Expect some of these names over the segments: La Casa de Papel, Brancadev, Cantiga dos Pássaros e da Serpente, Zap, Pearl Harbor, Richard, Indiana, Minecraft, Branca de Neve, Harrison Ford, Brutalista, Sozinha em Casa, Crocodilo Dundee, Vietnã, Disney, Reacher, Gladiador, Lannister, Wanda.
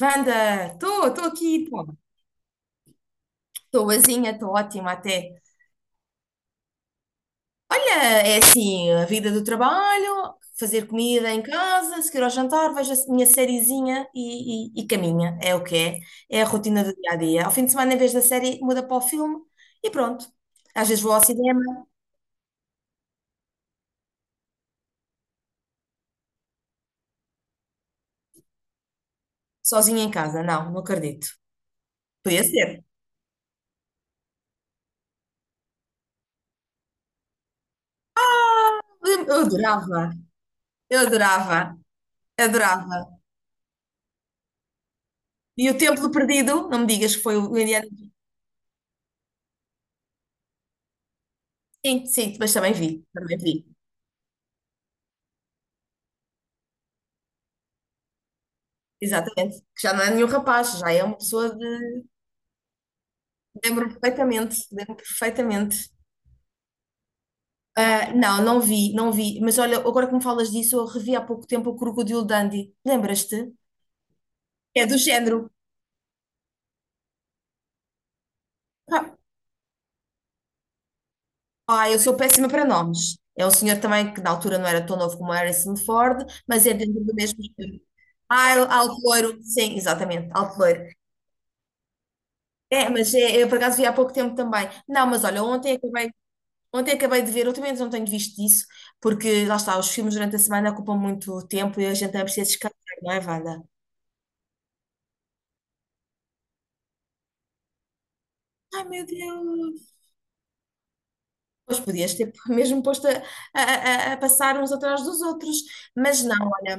Wanda, estou aqui, estou boazinha, estou ótima até. Olha, é assim, a vida do trabalho, fazer comida em casa, seguir ao jantar, vejo a minha sériezinha e caminha, é o que é. É a rotina do dia a dia. Ao fim de semana, em vez da série, muda para o filme e pronto. Às vezes vou ao cinema, sozinha em casa. Não, não acredito. Podia ser. Eu adorava, eu adorava, adorava. E o Templo Perdido, não me digas que foi o Indiana. Sim, sim, mas também vi, também vi. Exatamente. Que já não é nenhum rapaz, já é uma pessoa de. Lembro-me perfeitamente, lembro-me perfeitamente. Ah, não, não vi, não vi. Mas olha, agora que me falas disso, eu revi há pouco tempo o Crocodilo Dundee. Lembras-te? É do género. Ah, ah, eu sou péssima para nomes. É um senhor também que na altura não era tão novo como Harrison Ford, mas é dentro do mesmo estilo. Ah, é alto loiro. Sim, exatamente, alto loiro. É, mas eu por acaso vi há pouco tempo também. Não, mas olha, ontem acabei de ver, ultimamente não tenho visto isso, porque lá está, os filmes durante a semana ocupam muito tempo e a gente também precisa descansar, não é, Wanda? Ai meu Deus! Pois podias ter mesmo posto a passar uns atrás dos outros, mas não, olha,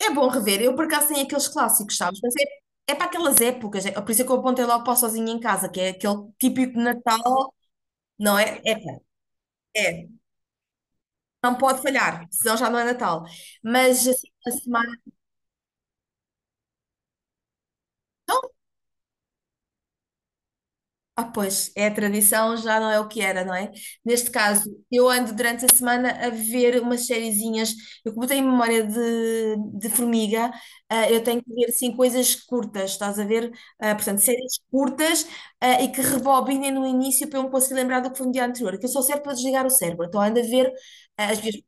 é bom rever. Eu por acaso tenho aqueles clássicos, sabes? Mas é para aquelas épocas, é, por isso é que eu apontei logo para o Sozinha em Casa, que é aquele típico Natal, não é? É, é. Não pode falhar, senão já não é Natal. Mas assim, a semana. Ah, pois, é a tradição, já não é o que era, não é? Neste caso, eu ando durante a semana a ver umas sériezinhas. Eu, como tenho memória de formiga, eu tenho que ver assim coisas curtas, estás a ver? Ah, portanto, séries curtas, e que rebobinem no início para eu me conseguir lembrar do que foi no dia anterior, que eu sou certa para desligar o cérebro. Então, ando a ver ah, as minhas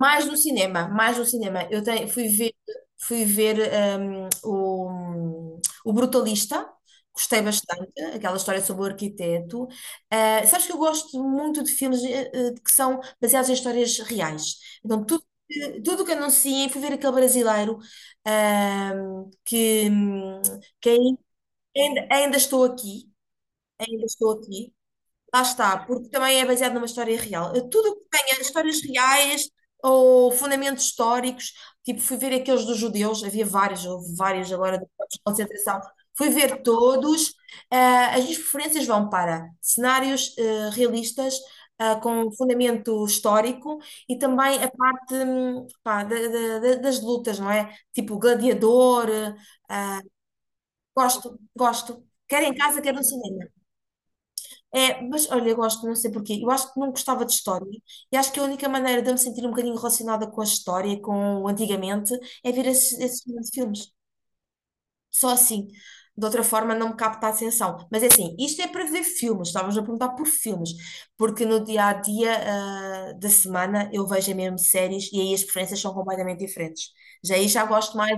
Mais no cinema, mais no cinema. Eu fui ver hum, o, o Brutalista, gostei bastante, aquela história sobre o arquiteto. Ah, sabes que eu gosto muito de filmes que são baseados em histórias reais. Então, tudo que anunciem, fui ver aquele brasileiro ah, que, hum, que ainda estou aqui, ainda estou aqui. Lá está, porque também é baseado numa história real. Tudo o que tenha histórias reais ou fundamentos históricos, tipo, fui ver aqueles dos judeus, havia vários, houve vários agora dos campos de concentração, fui ver todos. Ah, as minhas preferências vão para cenários realistas, com fundamento histórico e também a parte, pá, das lutas, não é? Tipo, Gladiador, ah, gosto, gosto, quer em casa, quer no cinema. É, mas olha, eu gosto, não sei porquê. Eu acho que não gostava de história e acho que a única maneira de eu me sentir um bocadinho relacionada com a história, com o antigamente, é ver esses grandes filmes. Só assim. De outra forma, não me capta a atenção. Mas é assim, isto é para ver filmes, estavas a perguntar por filmes, porque no dia a dia, da semana eu vejo é mesmo séries e aí as preferências são completamente diferentes. Já aí já gosto mais,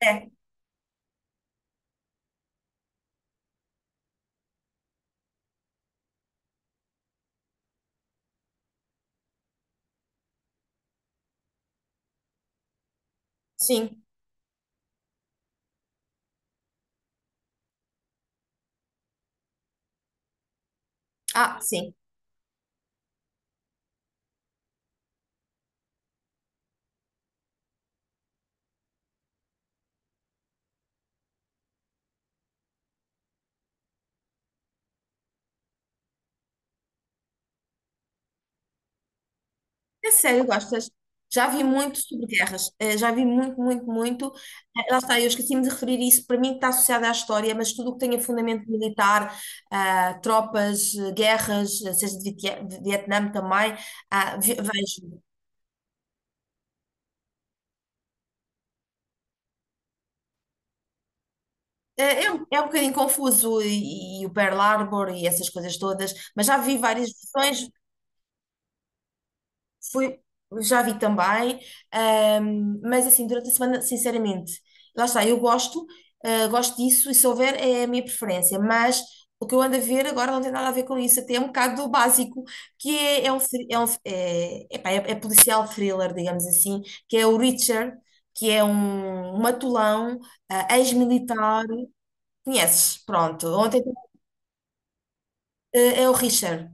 é, é, sim, sim. É sério, gostas? Já vi muito sobre guerras, já vi muito, muito, muito. Lá está, eu esqueci-me de referir isso, para mim está associado à história, mas tudo o que tenha fundamento militar, tropas, guerras, seja de Vietnã também, vejo. É, é um bocadinho confuso e o Pearl Harbor e essas coisas todas, mas já vi várias versões. Fui, já vi também, mas assim, durante a semana, sinceramente, lá está, eu gosto, gosto disso e se houver é a minha preferência, mas o que eu ando a ver agora não tem nada a ver com isso, até é um bocado do básico, que é um é policial thriller, digamos assim, que é o Reacher, que é um matulão, ex-militar, conheces, pronto, ontem, é o Richard.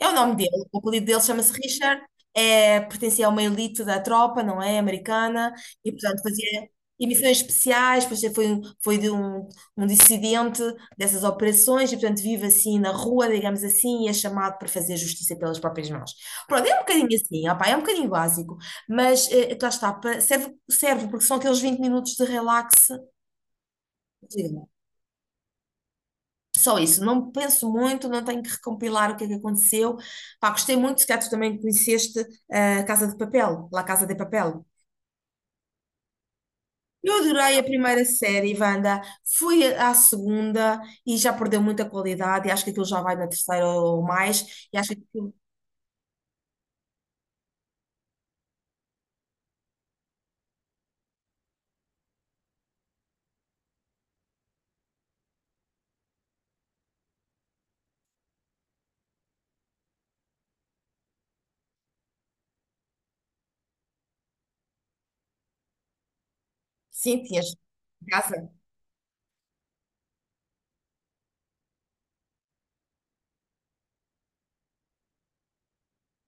É o nome dele, o apelido dele chama-se Richard, é, pertencia a uma elite da tropa, não é? Americana, e portanto fazia emissões especiais, depois foi de um dissidente dessas operações, e portanto vive assim na rua, digamos assim, e é chamado para fazer justiça pelas próprias mãos. Pronto, é um bocadinho assim, opá, é um bocadinho básico, mas lá está, serve, serve porque são aqueles 20 minutos de relax. Só isso, não penso muito, não tenho que recompilar o que é que aconteceu. Pá, gostei muito, se calhar tu também conheceste a Casa de Papel, La Casa de Papel. Eu adorei a primeira série, Wanda. Fui à segunda e já perdeu muita qualidade. E acho que aquilo já vai na terceira ou mais. E acho que aquilo, sim, tinhas casa.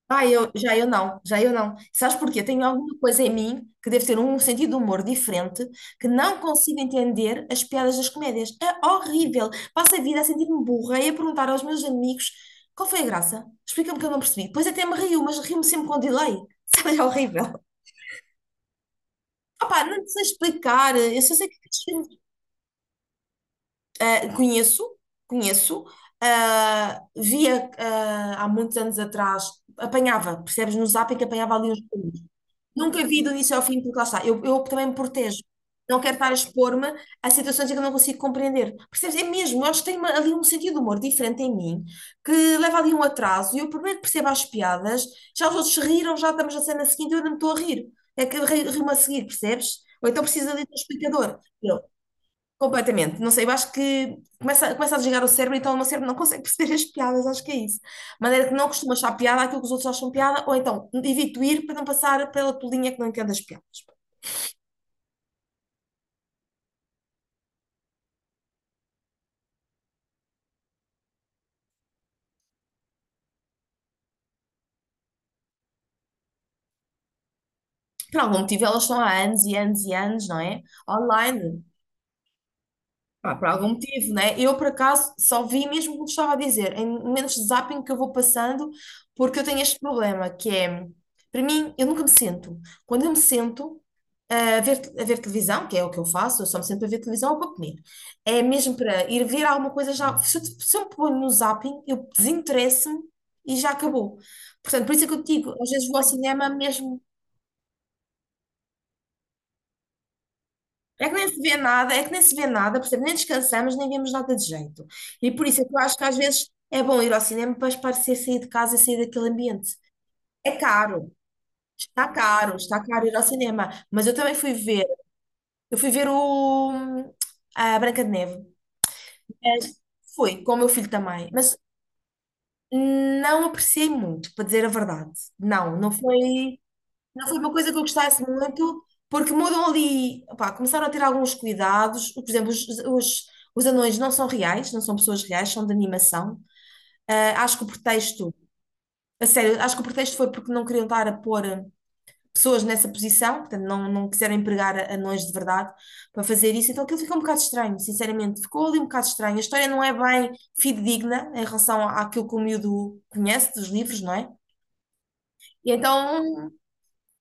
Ah, já eu não, já eu não. Sabes porquê? Tenho alguma coisa em mim que deve ter um sentido de humor diferente, que não consigo entender as piadas das comédias. É horrível. Passo a vida a sentir-me burra e a perguntar aos meus amigos qual foi a graça? Explica-me que eu não percebi. Pois até me rio, mas rio-me sempre com delay. Sabe, é horrível. Opá, não sei explicar. Eu só sei que estes filmes, conheço, conheço. Via há muitos anos atrás, apanhava, percebes, no Zap em que apanhava ali uns. Nunca vi do início ao fim, porque lá está, eu também me protejo. Não quero estar a expor-me a situações em que eu não consigo compreender. Percebes? É mesmo, eu acho que tem ali um sentido de humor diferente em mim, que leva ali um atraso, e eu por bem que percebo as piadas, já os outros se riram, já estamos na cena seguinte, eu ainda me estou a rir. É que eu rio-me a seguir, percebes? Ou então precisa ali de um explicador. Completamente. Não sei, eu acho que começa a desligar o cérebro, então o meu cérebro não consegue perceber as piadas, acho que é isso. De maneira que não costuma achar piada aquilo que os outros acham piada, ou então evito ir para não passar pela tua linha que não entende as piadas. Por algum motivo, elas estão há anos e anos e anos, não é? Online. Pá, por algum motivo, né? Eu, por acaso, só vi mesmo como te estava a dizer, em momentos de zapping que eu vou passando, porque eu tenho este problema, que é, para mim, eu nunca me sento. Quando eu me sento a ver televisão, que é o que eu faço, eu só me sento a ver televisão ou para comer, é mesmo para ir ver alguma coisa já. Se eu me ponho no zapping, eu desinteresso-me e já acabou. Portanto, por isso é que eu te digo, às vezes vou ao cinema mesmo. É que nem se vê nada, é que nem se vê nada, percebe? Nem descansamos, nem vemos nada de jeito. E por isso é que eu acho que às vezes é bom ir ao cinema para espairecer, sair de casa e sair daquele ambiente. É caro, está caro, está caro ir ao cinema. Mas eu também fui ver o a Branca de Neve. Mas fui, com o meu filho também. Mas não apreciei muito, para dizer a verdade. Não, não foi. Não foi uma coisa que eu gostasse muito, porque mudam ali, opá, começaram a ter alguns cuidados. Por exemplo, os anões não são reais, não são pessoas reais, são de animação. Ah, acho que o pretexto, a sério, acho que o pretexto foi porque não queriam estar a pôr pessoas nessa posição, portanto, não, não quiseram empregar anões de verdade para fazer isso. Então aquilo ficou um bocado estranho, sinceramente, ficou ali um bocado estranho. A história não é bem fidedigna em relação àquilo que o miúdo conhece dos livros, não é? E então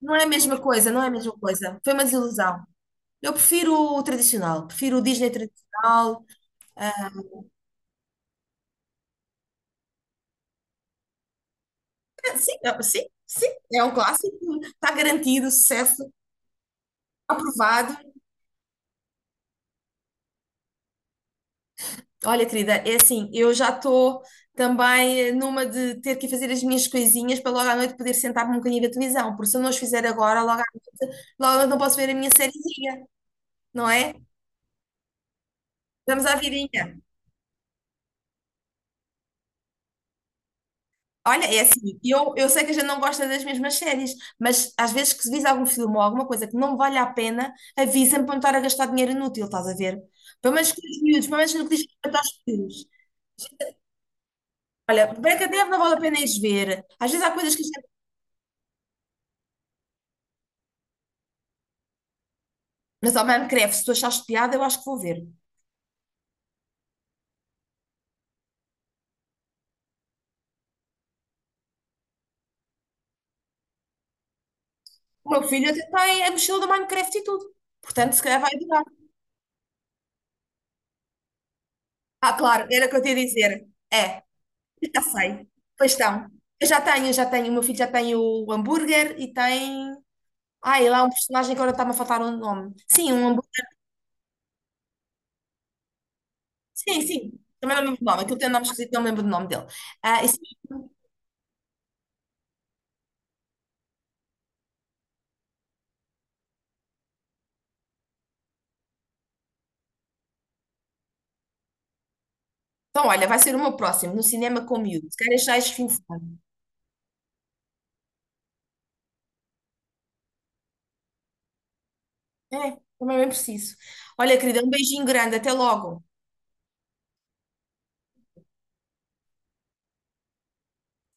não é a mesma coisa, não é a mesma coisa. Foi uma desilusão. Eu prefiro o tradicional, prefiro o Disney tradicional. É, sim, sim, sim, é um clássico, está garantido, sucesso, aprovado. Olha, querida, é assim, eu já estou também numa de ter que fazer as minhas coisinhas para logo à noite poder sentar-me um bocadinho da televisão, porque se eu não as fizer agora, logo à noite não posso ver a minha sériezinha, não é? Vamos à vidinha. Olha, é assim, eu sei que a gente não gosta das mesmas séries, mas às vezes que se visa algum filme ou alguma coisa que não vale a pena, avisa-me para não estar a gastar dinheiro inútil, estás a ver? Pelo menos com os miúdos, pelo menos no que diz respeito aos filmes. Olha, Brancadev não vale a pena ires ver. Às vezes há coisas que a gente... Mas ao Minecraft, se tu achares piada, eu acho que vou ver. O meu filho até tem a mochila do Minecraft e tudo. Portanto, se calhar vai durar. Ah, claro, era o que eu te ia dizer. É, já sei. Pois estão. Eu já tenho, já tenho. O meu filho já tem o hambúrguer e tem. Ah, e lá é um personagem que agora está-me a faltar o nome. Sim, um hambú- Sim, sim. Também não me lembro do nome. Aquilo tem um nome esquisito, não me lembro do nome dele. Ah, e sim. Então, olha, vai ser o meu próximo, no cinema com o miúdo. Se calhar já este fim de semana. É, também é bem preciso. Olha, querida, um beijinho grande. Até logo.